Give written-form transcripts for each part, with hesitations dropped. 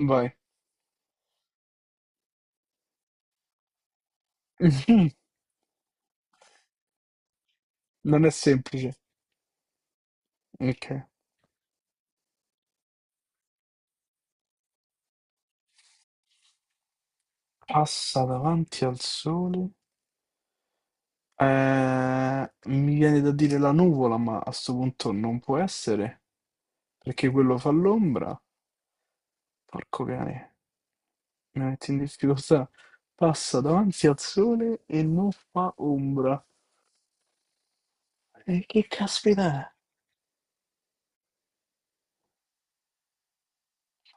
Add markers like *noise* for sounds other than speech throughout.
Vai. *laughs* Non è semplice. Ok. Passa davanti al sole. Mi viene da dire la nuvola, ma a sto punto non può essere, perché quello fa l'ombra. Porco cane, mi metti in difficoltà. Passa davanti al sole e non fa ombra. E che caspita è?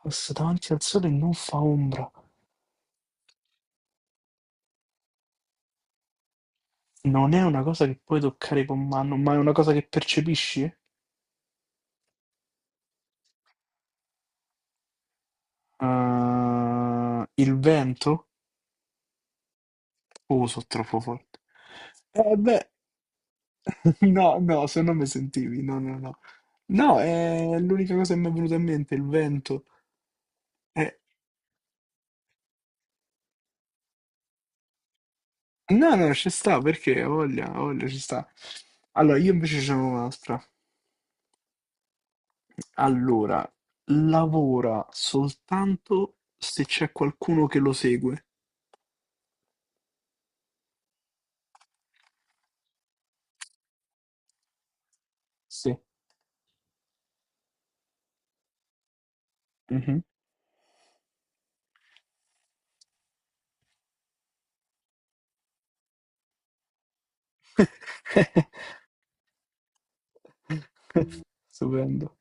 Passa davanti al sole e non fa ombra. Non è una cosa che puoi toccare con mano, ma è una cosa che percepisci? Il vento? Oh, sono troppo forte. Eh beh, *laughs* no, no, se no mi sentivi, no, no, no. No, è l'unica cosa che mi è venuta in mente, il vento. Eh, no, no, ci sta, perché ho voglia, ci sta. Allora, io invece ce n'ho un'altra. Allora, lavora soltanto se c'è qualcuno che lo segue. Sì. Mhm. *laughs* Stupendo.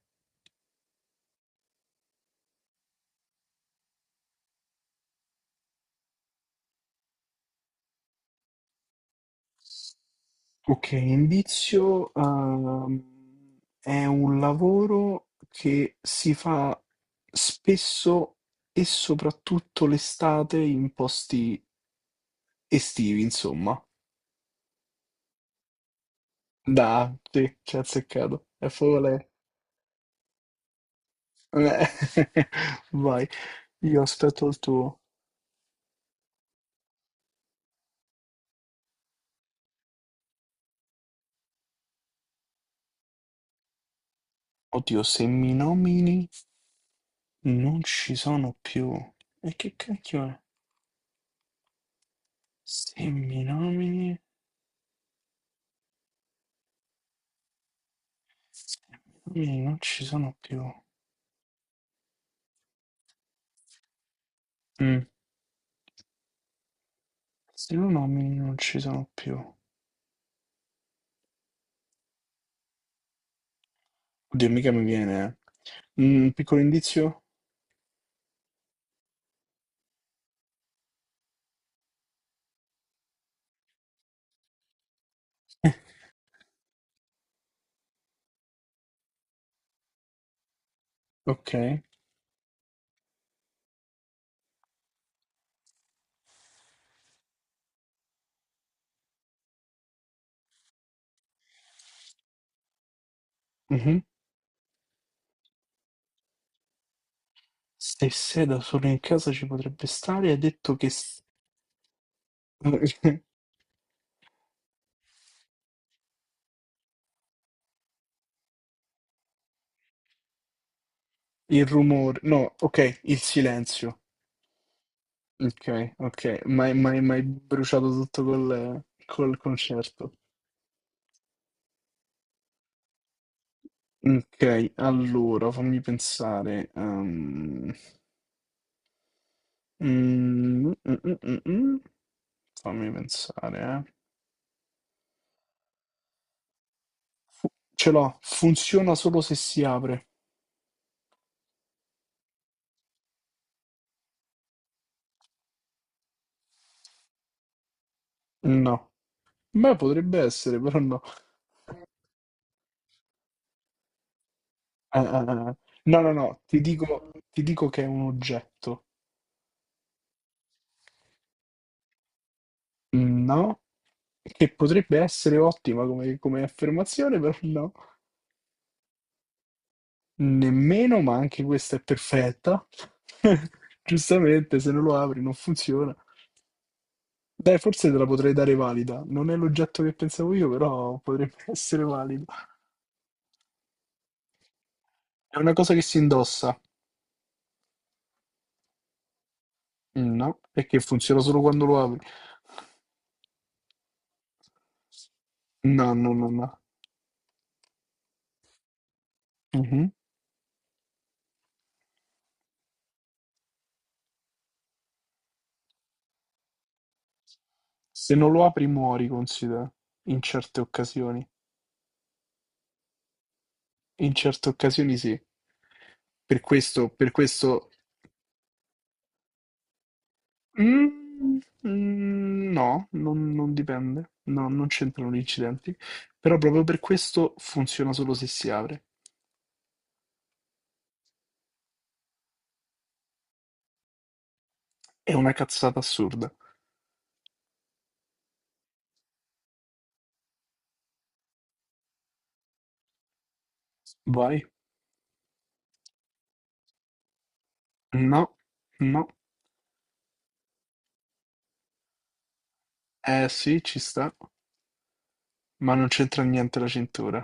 Ok, indizio, è un lavoro che si fa spesso e soprattutto l'estate in posti estivi, insomma. Da, sì, ci ha azzeccato. È proprio lei. Eh, *laughs* Vai, io aspetto il tuo. Oddio, se mi nomini non ci sono più. E che cacchio è? Se mi nomini, non ci sono più. Mm. Se lo nomini non ci sono più. Oddio, mica mi viene. Un piccolo indizio? Ok. Mhm. Se sei da solo in casa ci potrebbe stare, ha detto che s- *laughs* il rumore. No, ok, il silenzio. Ok, ok. Ma hai bruciato tutto col concerto. Ok, allora fammi pensare. Mm, mm, mm, mm, mm. Fammi pensare, eh. Fu- Ce l'ho, funziona solo se si apre. No. Beh, potrebbe essere, però no. Eh, eh, eh. eh. No, ti dico, che è un oggetto. No, che potrebbe essere ottima come, affermazione, però no. Nemmeno, ma anche questa è perfetta. *laughs* Giustamente, se non lo apri non funziona. Dai, forse te la potrei dare valida. Non è l'oggetto che pensavo io, però potrebbe *laughs* essere valida. È una cosa che si indossa. No, è che funziona solo quando lo apri. No, no, no, no. Mhm. Se non lo apri muori, considera, in certe occasioni. In certe occasioni sì. Per questo... Mm, no, non dipende. No, non c'entrano gli incidenti. Però proprio per questo funziona solo se si apre. È una cazzata assurda. Vai. No, no. Eh sì, ci sta. Ma non c'entra niente la cintura.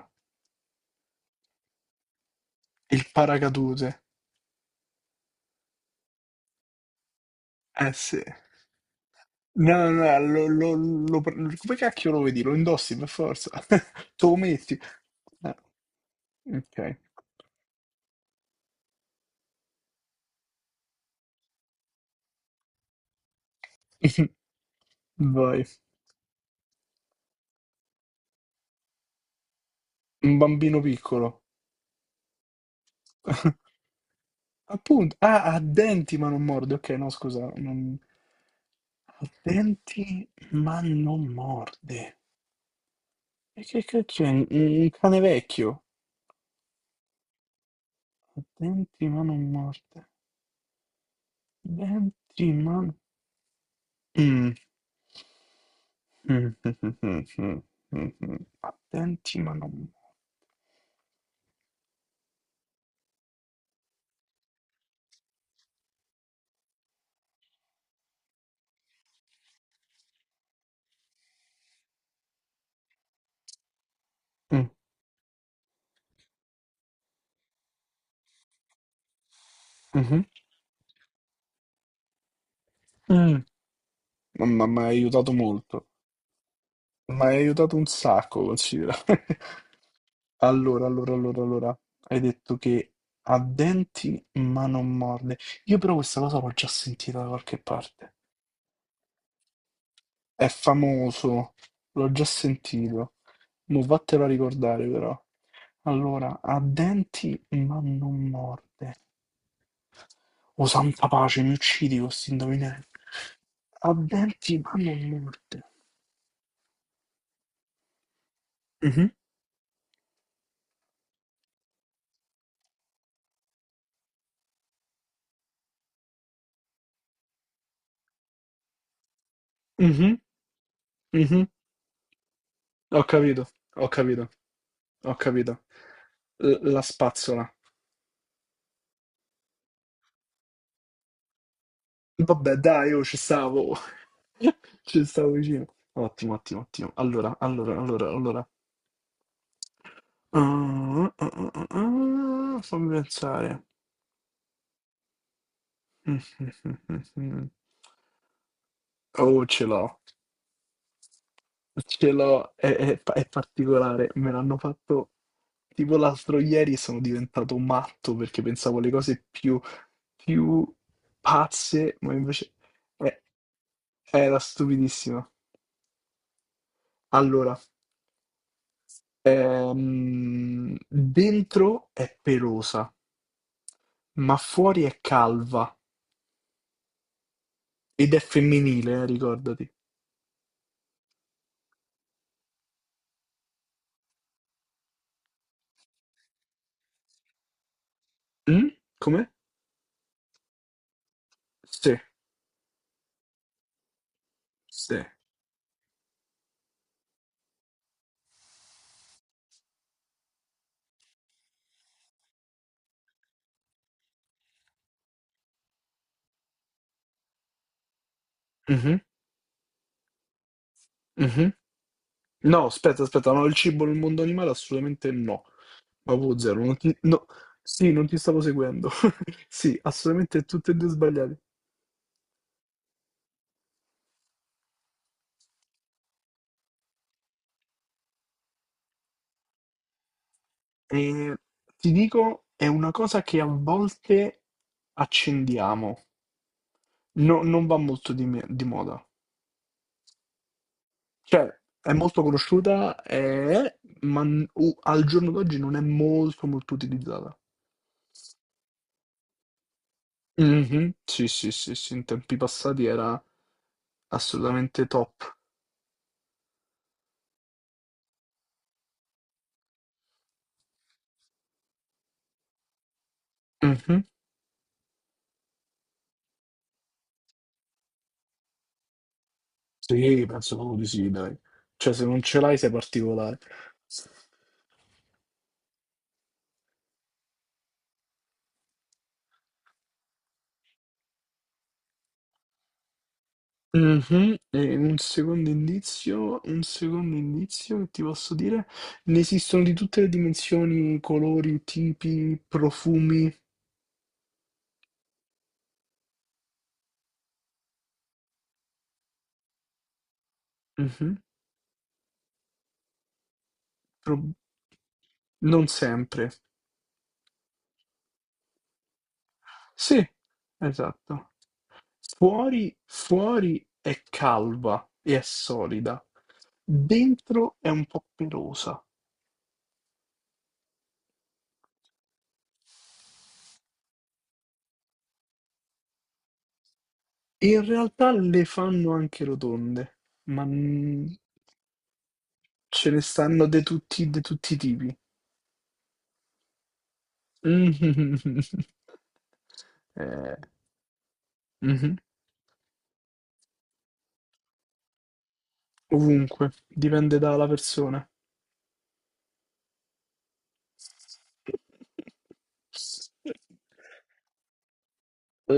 Il paracadute. Eh sì. No, no, no, come cacchio lo vedi? Lo indossi per forza. *laughs* Te lo metti. Ah, ok. *laughs* Vai. Un bambino piccolo. *laughs* Appunto. Ah, ha denti ma non morde. Ok, no, scusa. Ha denti ma non morde. E che cacchio è? Un cane vecchio? Ha denti ma non morde. Denti ma... Mm. Mh, mh, mh, mh, mh, Attenti ma non mh, mh-mh. Mh. Mamma m'hai aiutato molto. M'hai aiutato un sacco, considera. *laughs* Allora, allora, allora, allora, hai detto che ha denti ma non morde. Io però questa cosa l'ho già sentita da qualche parte. È famoso, l'ho già sentito. Mo' vattelo a ricordare però. Allora, ha denti ma non morde. O santa pace, mi uccidi con sti indovinelli. Avverti ma non morte. Mhm, mhm, mhm. Ho capito, ho capito, ho capito. La spazzola. Vabbè, dai, io ci stavo. *laughs* Ci stavo vicino. Ottimo, ottimo, ottimo. Allora, allora, allora, allora. Ah, ah, ah, ah, ah, fammi pensare. *laughs* Mm, mm, mm, mm, mm. Oh, ce l'ho. Ce l'ho, è particolare, me l'hanno fatto tipo l'altro ieri e sono diventato matto perché pensavo alle cose più pazze, ma invece è- era stupidissima. Allora, dentro è pelosa, ma fuori è calva ed è femminile, ricordati. Mm? Come? Sì, sì. Mhm, mhm. No, aspetta, aspetta, no, il cibo nel mondo animale assolutamente no. Ma Wuzzero, non ti... no. Sì, non ti stavo seguendo. *laughs* Sì, assolutamente tutte e due sbagliate. E ti dico, è una cosa che a volte accendiamo. Non va molto di, di moda. Cioè, è molto conosciuta, ma al giorno d'oggi non è molto molto utilizzata. Mhm, sì, sì, sì, sì, in tempi passati era assolutamente top. Mhm. Sì, penso proprio di sì, dai. Cioè, se non ce l'hai sei particolare. Mh-mh, e un secondo indizio che ti posso dire, ne esistono di tutte le dimensioni, colori, tipi, profumi. Mh-mh, pro non sempre. Sì, esatto. Fuori è calva e è solida, dentro è un po' pelosa. In realtà le fanno anche rotonde, ma, mhmm, ce ne stanno de tutti i tipi. Mh-mh-mh-mh. *laughs* Eh. Mh-mh. Ovunque, dipende dalla persona.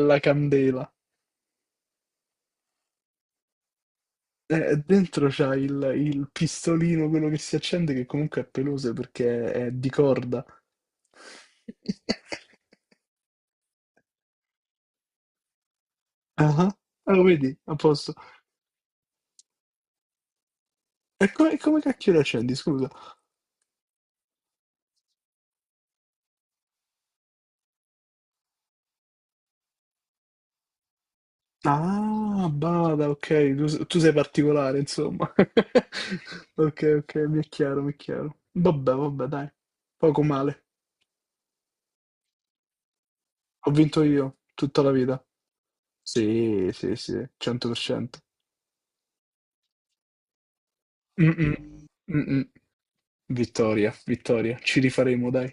La candela. Dentro c'ha il pistolino, quello che si accende, che comunque è peloso perché è di corda. *laughs* Ah-ah. Ah, lo vedi? A posto. E come cacchio lo accendi, scusa? Ah, bada, okay. Tu sei particolare insomma. *laughs* Okay, okay, mi è chiaro, mi è chiaro. Vabbè, vabbè dai, poco male. Ho vinto io, tutta la vita. Sì, sì, sì, 100%. Mh-mh. Mh-mh. Vittoria, vittoria. Ci rifaremo, dai.